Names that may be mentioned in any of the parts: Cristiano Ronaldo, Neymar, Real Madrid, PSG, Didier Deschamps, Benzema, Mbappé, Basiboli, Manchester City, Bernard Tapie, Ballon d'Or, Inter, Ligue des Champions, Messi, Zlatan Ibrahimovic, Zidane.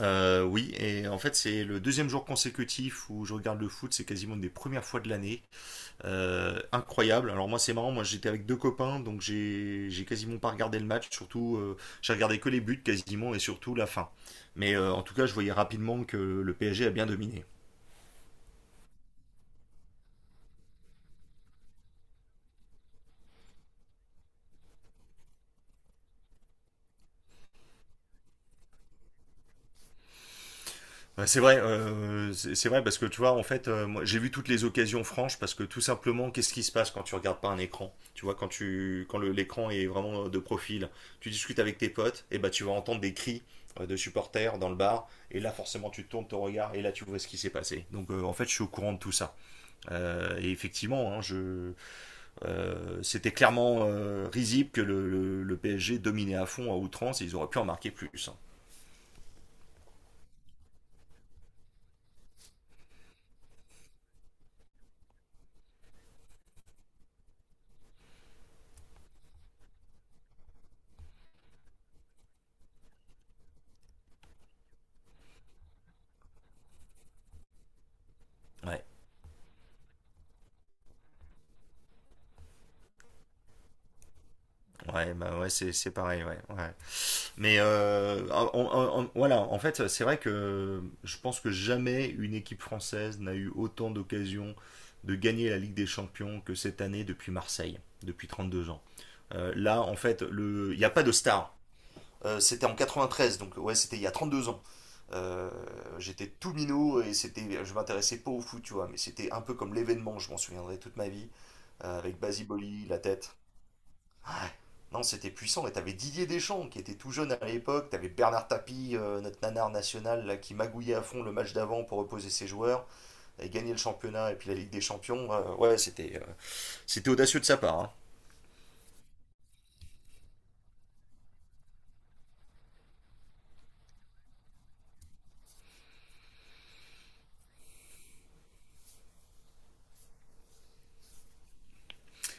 Oui, et en fait c'est le deuxième jour consécutif où je regarde le foot, c'est quasiment une des premières fois de l'année. Incroyable. Alors moi c'est marrant, moi j'étais avec deux copains, donc j'ai quasiment pas regardé le match, surtout j'ai regardé que les buts quasiment et surtout la fin. Mais en tout cas je voyais rapidement que le PSG a bien dominé. Ouais, c'est vrai, c'est vrai parce que tu vois, en fait, moi, j'ai vu toutes les occasions franches parce que tout simplement, qu'est-ce qui se passe quand tu regardes pas un écran? Tu vois, quand l'écran est vraiment de profil, tu discutes avec tes potes, et bah tu vas entendre des cris de supporters dans le bar, et là forcément tu tournes ton regard et là tu vois ce qui s'est passé. Donc en fait, je suis au courant de tout ça. Et effectivement, hein, je, c'était clairement risible que le PSG dominait à fond à outrance, et ils auraient pu en marquer plus, hein. Ouais. Ouais, bah ouais, c'est pareil, ouais, ouais. Mais en fait, c'est vrai que je pense que jamais une équipe française n'a eu autant d'occasions de gagner la Ligue des Champions que cette année depuis Marseille, depuis 32 ans. Là, en fait, il n'y a pas de star. C'était en 93, donc ouais, c'était il y a 32 ans. Euh, J'étais tout minot et c'était, je m'intéressais pas au foot, tu vois, mais c'était un peu comme l'événement, je m'en souviendrai toute ma vie, avec Basiboli, la tête. Ah, non, c'était puissant. Et t'avais Didier Deschamps qui était tout jeune à l'époque. T'avais Bernard Tapie, notre nanar national, là, qui magouillait à fond le match d'avant pour reposer ses joueurs, et gagner le championnat et puis la Ligue des Champions. C'était audacieux de sa part, hein.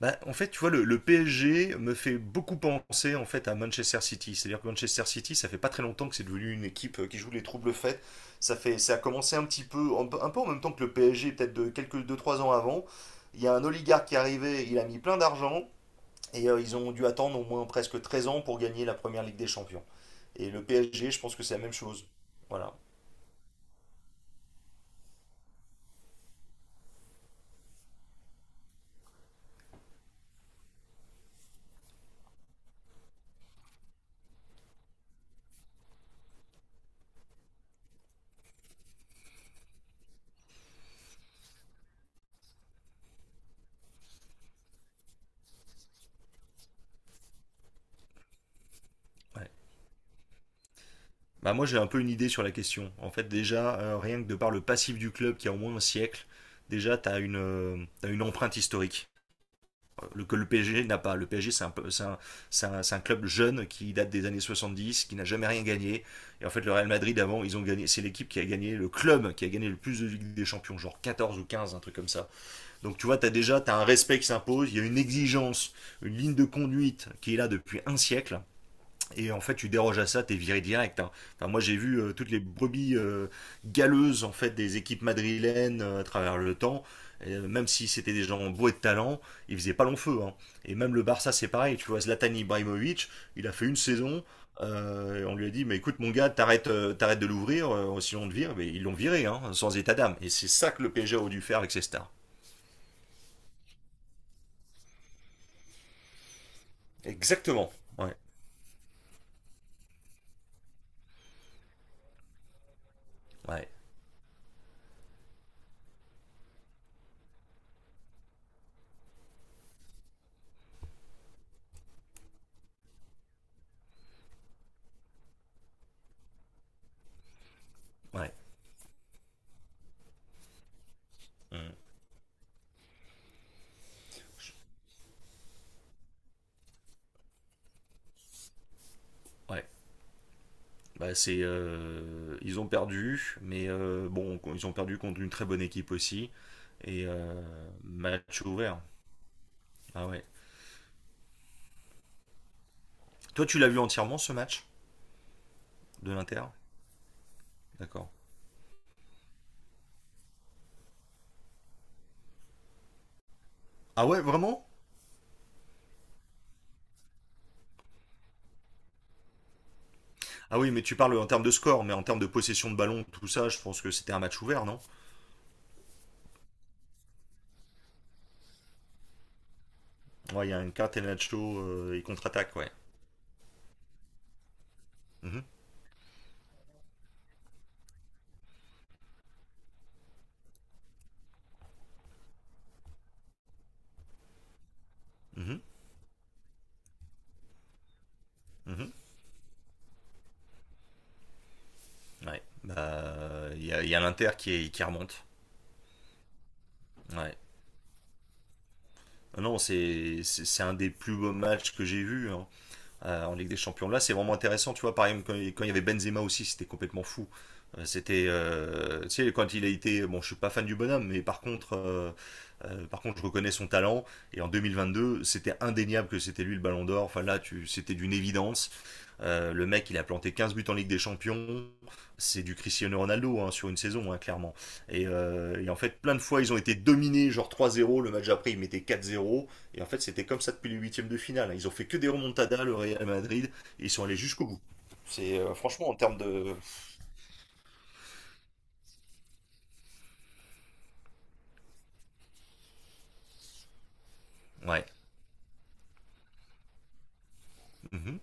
Bah, en fait, tu vois, le PSG me fait beaucoup penser en fait à Manchester City. C'est-à-dire que Manchester City, ça fait pas très longtemps que c'est devenu une équipe qui joue les troubles faits. Ça fait, ça a commencé un petit peu, un peu en même temps que le PSG, peut-être de quelques deux trois ans avant. Il y a un oligarque qui est arrivé, il a mis plein d'argent. Ils ont dû attendre au moins presque 13 ans pour gagner la première Ligue des Champions. Et le PSG, je pense que c'est la même chose. Voilà. Ouais. Bah moi j'ai un peu une idée sur la question. En fait déjà, rien que de par le passif du club qui a au moins un siècle, déjà tu as une empreinte historique que le PSG n'a pas. Le PSG c'est un club jeune qui date des années 70, qui n'a jamais rien gagné. Et en fait le Real Madrid avant, ils ont gagné, c'est l'équipe qui a gagné, le club qui a gagné le plus de Ligue des Champions, genre 14 ou 15, un truc comme ça. Donc tu vois, tu as déjà t'as un respect qui s'impose, il y a une exigence, une ligne de conduite qui est là depuis un siècle. Et en fait, tu déroges à ça, t'es viré direct, hein. Enfin, moi, j'ai vu toutes les brebis galeuses en fait des équipes madrilènes à travers le temps. Et, même si c'était des gens beaux et de talent, ils faisaient pas long feu, hein. Et même le Barça, c'est pareil. Tu vois, Zlatan Ibrahimovic, il a fait une saison. Et on lui a dit, mais écoute, mon gars, t'arrêtes de l'ouvrir, sinon on te vire. Mais ils l'ont viré, hein, sans état d'âme. Et c'est ça que le PSG a dû faire avec ses stars. Exactement. Ouais, ouais. Ouais. Mm. Ouais. Bah, ils ont perdu, mais bon, ils ont perdu contre une très bonne équipe aussi. Match ouvert. Ah ouais. Toi, tu l'as vu entièrement ce match de l'Inter? D'accord. Ah ouais, vraiment? Ah oui, mais tu parles en termes de score, mais en termes de possession de ballon, tout ça, je pense que c'était un match ouvert, non? Ouais, il y a une Catenaccio et contre-attaque, ouais. Mhm, mhm, mhm. Ouais. Bah, il y a l'Inter qui remonte. Ouais. Ah non, c'est un des plus beaux matchs que j'ai vu, hein, en Ligue des Champions. Là, c'est vraiment intéressant, tu vois. Par exemple, quand il y avait Benzema aussi, c'était complètement fou. Tu sais, quand il a été, bon, je suis pas fan du bonhomme, mais par contre, je reconnais son talent. Et en deux mille vingt deux, c'était indéniable que c'était lui le Ballon d'Or. Enfin là, c'était d'une évidence. Le mec, il a planté 15 buts en Ligue des Champions. C'est du Cristiano Ronaldo, hein, sur une saison, hein, clairement. Et en fait, plein de fois, ils ont été dominés, genre trois zéro. Le match après, ils mettaient quatre zéro. Et en fait, c'était comme ça depuis les huitièmes de finale, hein. Ils ont fait que des remontadas, le Real Madrid, et ils sont allés jusqu'au bout. C'est franchement en termes de. Ouais. Mhm.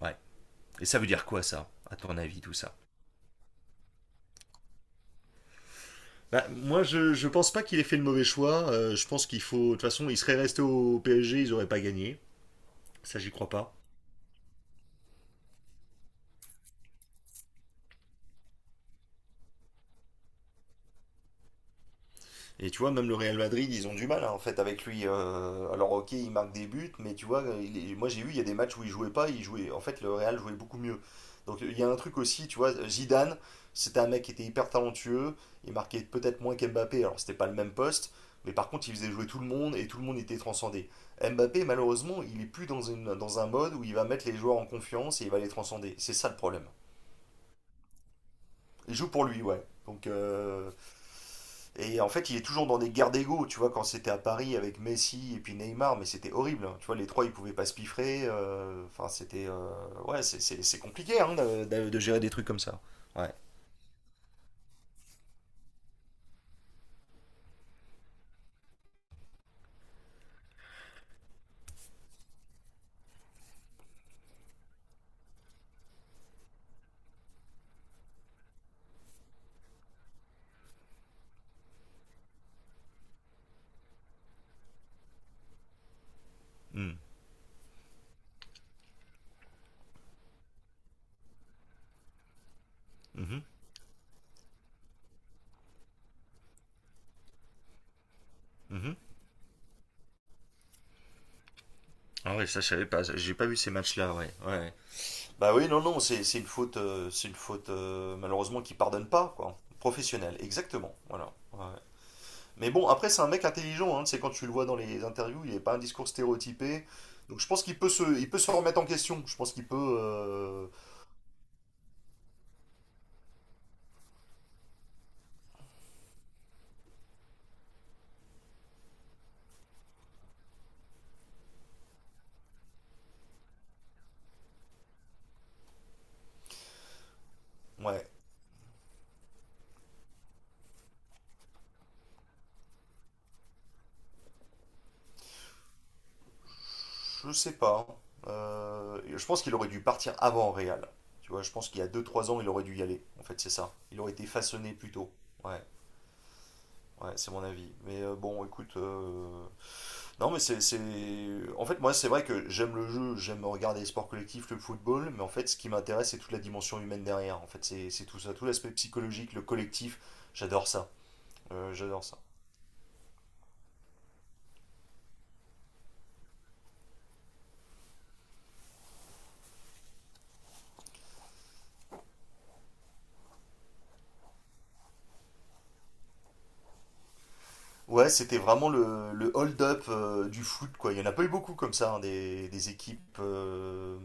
Ouais. Et ça veut dire quoi ça, à ton avis, tout ça? Bah, moi, je pense pas qu'il ait fait le mauvais choix. Je pense qu'il faut. De toute façon, il serait resté au PSG, ils auraient pas gagné. Ça, j'y crois pas. Et tu vois, même le Real Madrid, ils ont du mal, hein, en fait avec lui. Alors ok, il marque des buts, mais tu vois, moi j'ai vu, il y a des matchs où il jouait pas, il jouait. En fait, le Real jouait beaucoup mieux. Donc il y a un truc aussi, tu vois, Zidane, c'était un mec qui était hyper talentueux, il marquait peut-être moins qu'Mbappé, alors c'était pas le même poste, mais par contre il faisait jouer tout le monde et tout le monde était transcendé. Mbappé, malheureusement, il est plus dans un mode où il va mettre les joueurs en confiance et il va les transcender. C'est ça le problème. Il joue pour lui, ouais. Donc euh, et en fait, il est toujours dans des guerres d'ego, tu vois, quand c'était à Paris avec Messi et puis Neymar, mais c'était horrible, hein. Tu vois, les trois, ils pouvaient pas se piffrer. Enfin, c'était. Ouais, c'est compliqué, hein, de gérer des trucs comme ça. Ouais. Mm. Mhm. Mhm. Ah ouais, ça, je savais pas. J'ai pas vu ces matchs-là, ouais, ouais. Bah oui, non, non, c'est une faute, c'est une faute malheureusement qui pardonne pas, quoi. Professionnelle, exactement. Voilà. Ouais. Mais bon, après, c'est un mec intelligent, hein, c'est quand tu le vois dans les interviews, il n'est pas un discours stéréotypé. Donc je pense il peut se remettre en question. Je pense qu'il peut. Ouais, je sais pas, hein. Je pense qu'il aurait dû partir avant Real. Tu vois, je pense qu'il y a deux trois ans, il aurait dû y aller. En fait, c'est ça. Il aurait été façonné plus tôt. Ouais, ouais, c'est mon avis. Mais écoute, Non, mais c'est. C'est- en fait, moi, c'est vrai que j'aime le jeu, j'aime regarder les sports collectifs, le football, mais en fait, ce qui m'intéresse, c'est toute la dimension humaine derrière. En fait, c'est tout ça, tout l'aspect psychologique, le collectif. J'adore ça. J'adore ça. Ouais, c'était vraiment le hold-up du foot, quoi. Il n'y en a pas eu beaucoup comme ça, hein, des équipes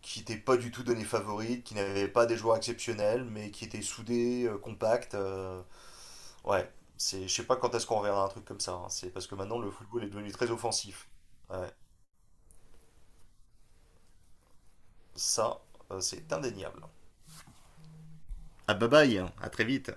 qui n'étaient pas du tout données favorites, qui n'avaient pas des joueurs exceptionnels, mais qui étaient soudées, compactes. Ouais, c'est, je sais pas quand est-ce qu'on reverra un truc comme ça, hein. C'est parce que maintenant, le football est devenu très offensif. Ouais. Ça, c'est indéniable. Ah bye bye, hein. À très vite.